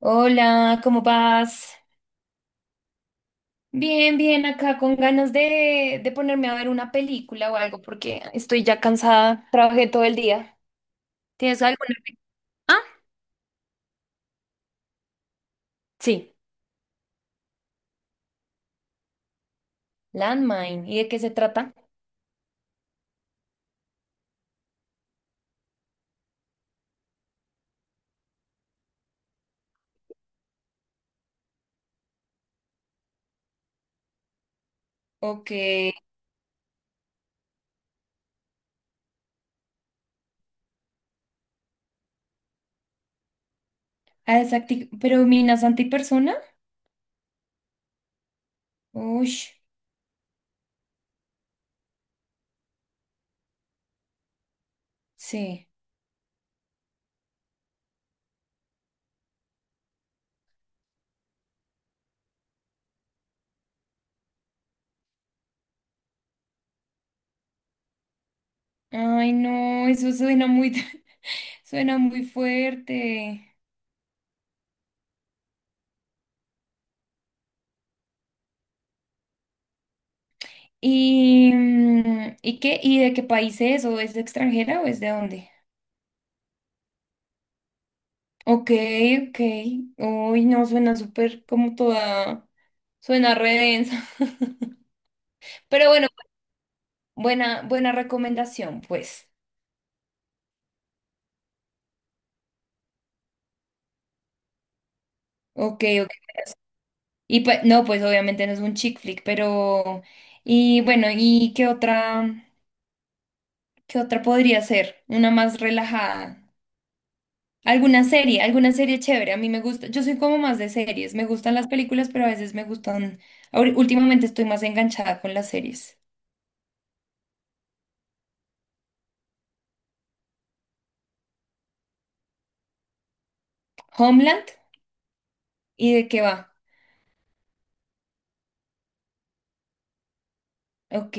Hola, ¿cómo vas? Bien, bien, acá con ganas de ponerme a ver una película o algo porque estoy ya cansada, trabajé todo el día. ¿Tienes alguna? Ah, sí, Landmine. ¿Y de qué se trata? Ok. Ah, ¿Pero minas antipersona? Uy, sí. Ay, no, eso suena muy, suena muy fuerte. ¿Y, qué? ¿Y de qué país es? ¿O es de extranjera o es de dónde? Ok, ok. Uy, no, suena súper como toda, suena re densa. Pero bueno, buena, buena recomendación, pues. Ok, ok. Y pues, no, pues obviamente no es un chick flick, pero, y bueno, ¿y qué otra podría ser? Una más relajada. ¿Alguna serie? ¿Alguna serie chévere? A mí me gusta, yo soy como más de series, me gustan las películas, pero a veces me gustan, últimamente estoy más enganchada con las series. Homeland, ¿y de qué va? Ok,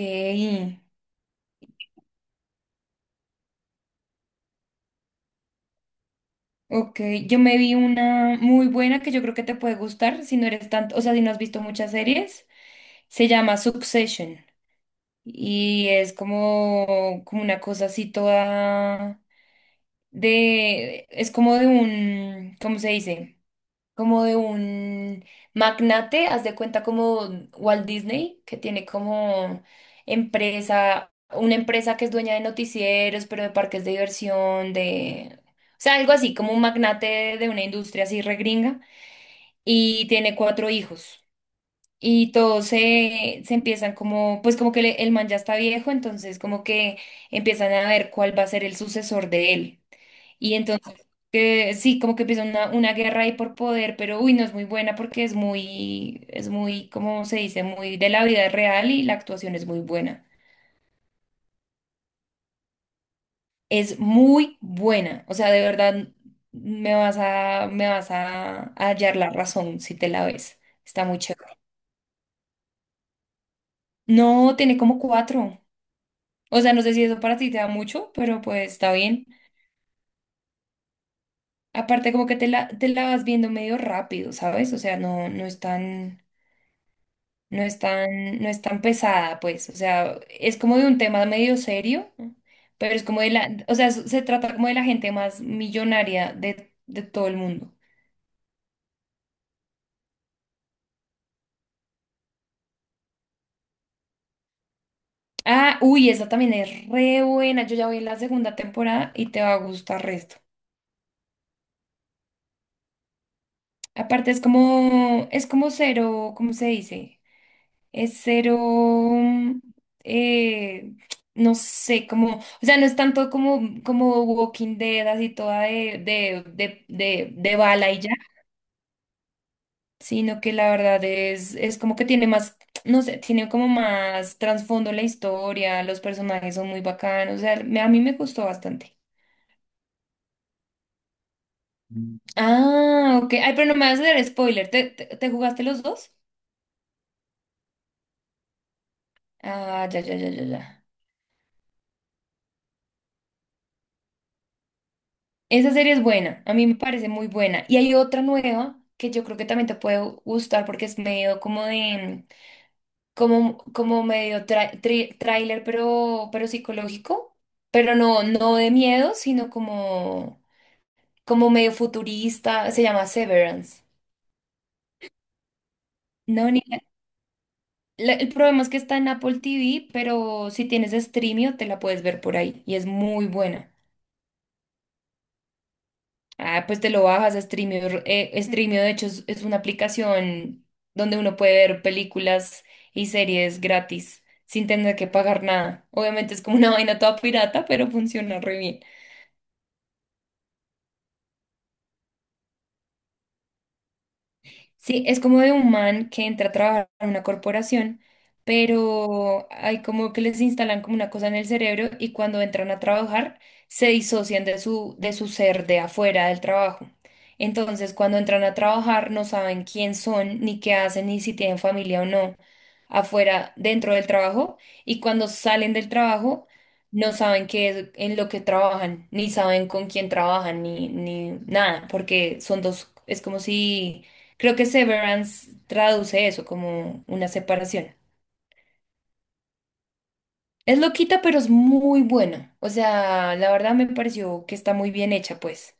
ok. Yo me vi una muy buena que yo creo que te puede gustar si no eres tanto, o sea, si no has visto muchas series. Se llama Succession y es como una cosa así toda de, es como de un, ¿cómo se dice? Como de un magnate, haz de cuenta como Walt Disney, que tiene como empresa, una empresa que es dueña de noticieros, pero de parques de diversión, de... O sea, algo así, como un magnate de una industria así regringa, y tiene cuatro hijos. Y todos se empiezan como, pues como que el man ya está viejo, entonces como que empiezan a ver cuál va a ser el sucesor de él. Y entonces, que sí, como que empieza una guerra ahí por poder, pero uy, no es muy buena porque es muy, ¿cómo se dice? Muy de la vida real y la actuación es muy buena. Es muy buena. O sea, de verdad me vas a hallar la razón si te la ves. Está muy chévere. No, tiene como cuatro. O sea, no sé si eso para ti te da mucho, pero pues está bien. Aparte, como que te la vas viendo medio rápido, ¿sabes? O sea, no, no es tan no es tan, no es tan pesada, pues, o sea, es como de un tema medio serio, ¿no? Pero es como de la, o sea, se trata como de la gente más millonaria de todo el mundo. Ah, uy, esa también es re buena, yo ya voy en la segunda temporada y te va a gustar resto. Aparte es como, cero, ¿cómo se dice? Es cero, eh, no sé, como, o sea, no es tanto como Walking Dead, así toda de, de bala y ya. Sino que la verdad es como que tiene más, no sé, tiene como más trasfondo la historia, los personajes son muy bacanos, o sea, a mí me gustó bastante. Ah, ok, ay, pero no me vas a hacer spoiler, ¿te jugaste los dos? Ah, ya, ya, ya, ya, ya. Esa serie es buena, a mí me parece muy buena. Y hay otra nueva que yo creo que también te puede gustar porque es medio como de, como medio tráiler, pero psicológico. Pero no, no de miedo, sino como como medio futurista, se llama Severance. No, ni el problema es que está en Apple TV, pero si tienes Streamio te la puedes ver por ahí y es muy buena. Ah, pues te lo bajas a Streamio. Streamio, de hecho, es una aplicación donde uno puede ver películas y series gratis sin tener que pagar nada. Obviamente es como una vaina toda pirata, pero funciona re bien. Sí, es como de un man que entra a trabajar en una corporación, pero hay como que les instalan como una cosa en el cerebro y cuando entran a trabajar se disocian de su ser de afuera del trabajo. Entonces, cuando entran a trabajar no saben quién son, ni qué hacen, ni si tienen familia o no afuera, dentro del trabajo, y cuando salen del trabajo no saben qué es en lo que trabajan, ni saben con quién trabajan, ni nada, porque son dos, es como si creo que Severance traduce eso como una separación. Es loquita, pero es muy buena. O sea, la verdad me pareció que está muy bien hecha, pues.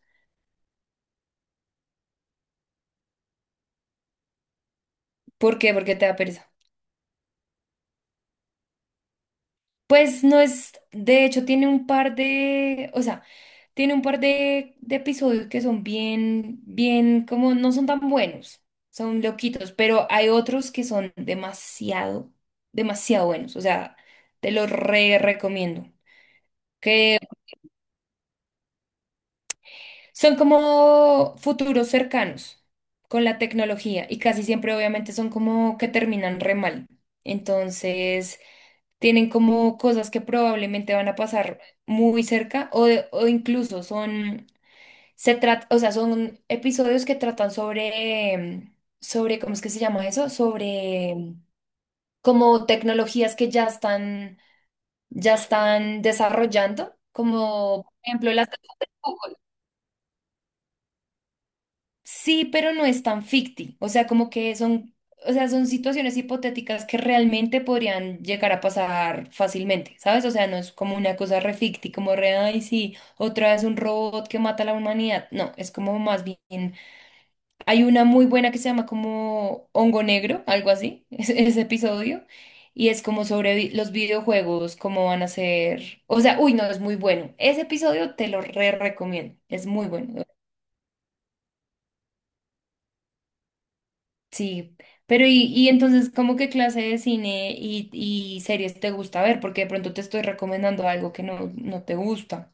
¿Por qué? Porque te da pereza. Pues no es, de hecho, tiene un par de, o sea, tiene un par de episodios que son bien, bien, como no son tan buenos, son loquitos, pero hay otros que son demasiado, demasiado buenos. O sea, te los re recomiendo. Que son como futuros cercanos con la tecnología y casi siempre obviamente son como que terminan re mal. Entonces tienen como cosas que probablemente van a pasar muy cerca o, de- o incluso son, se trata, o sea, son episodios que tratan sobre, ¿cómo es que se llama eso? Sobre como tecnologías que ya están desarrollando, como por ejemplo las... Sí, pero no es tan ficti. O sea, como que son, o sea, son situaciones hipotéticas que realmente podrían llegar a pasar fácilmente, ¿sabes? O sea, no es como una cosa re ficti, como re, ay, sí, otra vez un robot que mata a la humanidad. No, es como más bien. Hay una muy buena que se llama como Hongo Negro, algo así, ese episodio. Y es como sobre los videojuegos, cómo van a ser. O sea, uy, no, es muy bueno. Ese episodio te lo re recomiendo. Es muy bueno. Sí, pero y entonces, ¿cómo qué clase de cine y series te gusta ver? Porque de pronto te estoy recomendando algo que no te gusta.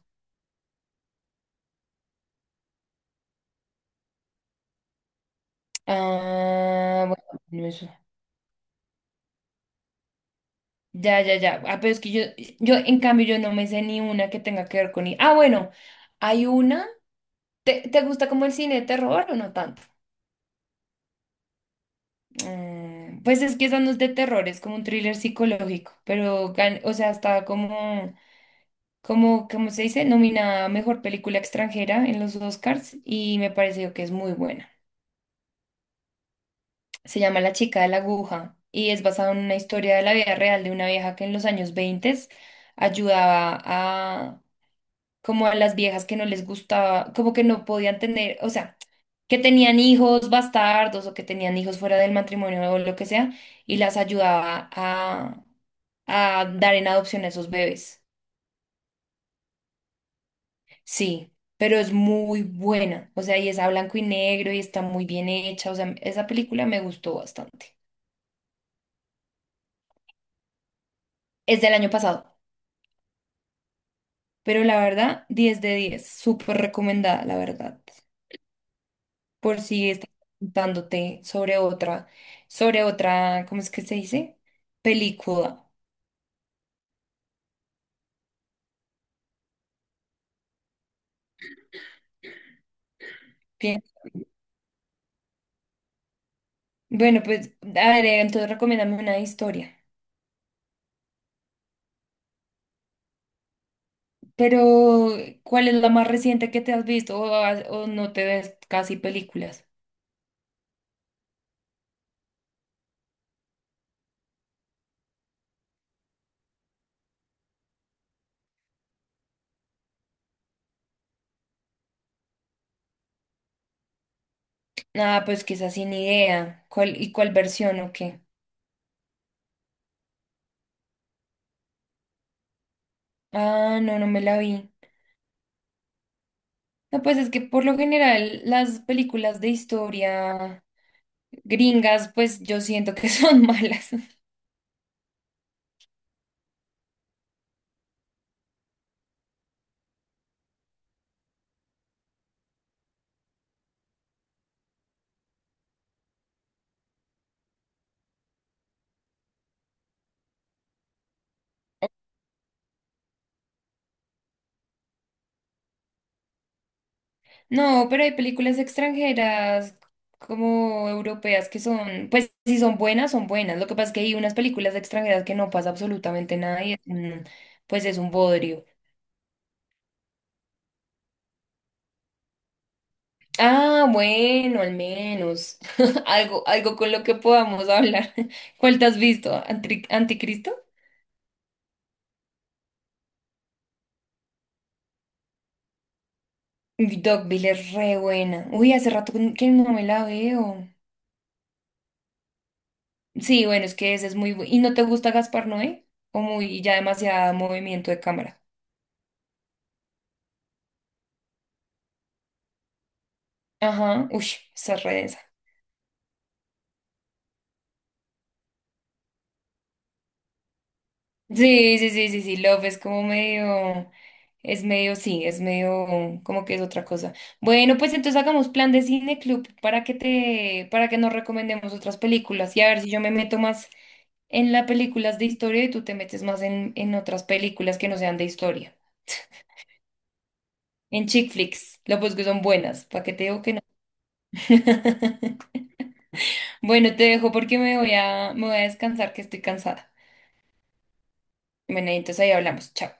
Ah, bueno, no eso. Ya, ya, ya. Ah, pero es que yo, en cambio, yo no me sé ni una que tenga que ver con... i- Ah, bueno, hay una. ¿Te gusta como el cine de terror o no tanto? Mm, pues es que esa no es de terror, es como un thriller psicológico, pero, o sea, está como... como, como se dice, nominada a Mejor Película Extranjera en los Oscars y me pareció que es muy buena. Se llama La chica de la aguja y es basada en una historia de la vida real de una vieja que en los años 20 ayudaba a como a las viejas que no les gustaba, como que no podían tener, o sea, que tenían hijos bastardos o que tenían hijos fuera del matrimonio o lo que sea y las ayudaba a dar en adopción a esos bebés. Sí, pero es muy buena. O sea, y es a blanco y negro y está muy bien hecha. O sea, esa película me gustó bastante. Es del año pasado, pero la verdad, 10 de 10, súper recomendada, la verdad. Por si estás preguntándote sobre otra, ¿cómo es que se dice? Película. Bien. Bueno, pues, a ver, entonces recomiéndame una historia. Pero, ¿cuál es la más reciente que te has visto? O, has- o no te ves casi películas. Ah, pues quizás sin idea. ¿Cuál, y cuál versión o qué? Ah, no, no me la vi. No, pues es que por lo general las películas de historia gringas, pues yo siento que son malas. No, pero hay películas extranjeras como europeas que son, pues si son buenas, son buenas. Lo que pasa es que hay unas películas extranjeras que no pasa absolutamente nada y pues es un bodrio. Ah, bueno, al menos. Algo, algo con lo que podamos hablar. ¿Cuál te has visto? ¿Anticristo? Dogville es re buena. Uy, hace rato que no me la veo. Sí, bueno, es que ese es muy bueno. ¿Y no te gusta Gaspar Noé? O muy, ya demasiado movimiento de cámara. Ajá, uy, esa es re densa. Sí, sí, sí, sí, sí, Love es como medio, es medio, sí, es medio, como que es otra cosa. Bueno, pues entonces hagamos plan de cine club para que te, para que nos recomendemos otras películas y a ver si yo me meto más en las películas de historia y tú te metes más en otras películas que no sean de historia. En chick flicks, lo pues que son buenas, ¿para qué te digo que no? Bueno, te dejo porque me voy a descansar que estoy cansada. Bueno, entonces ahí hablamos, chao.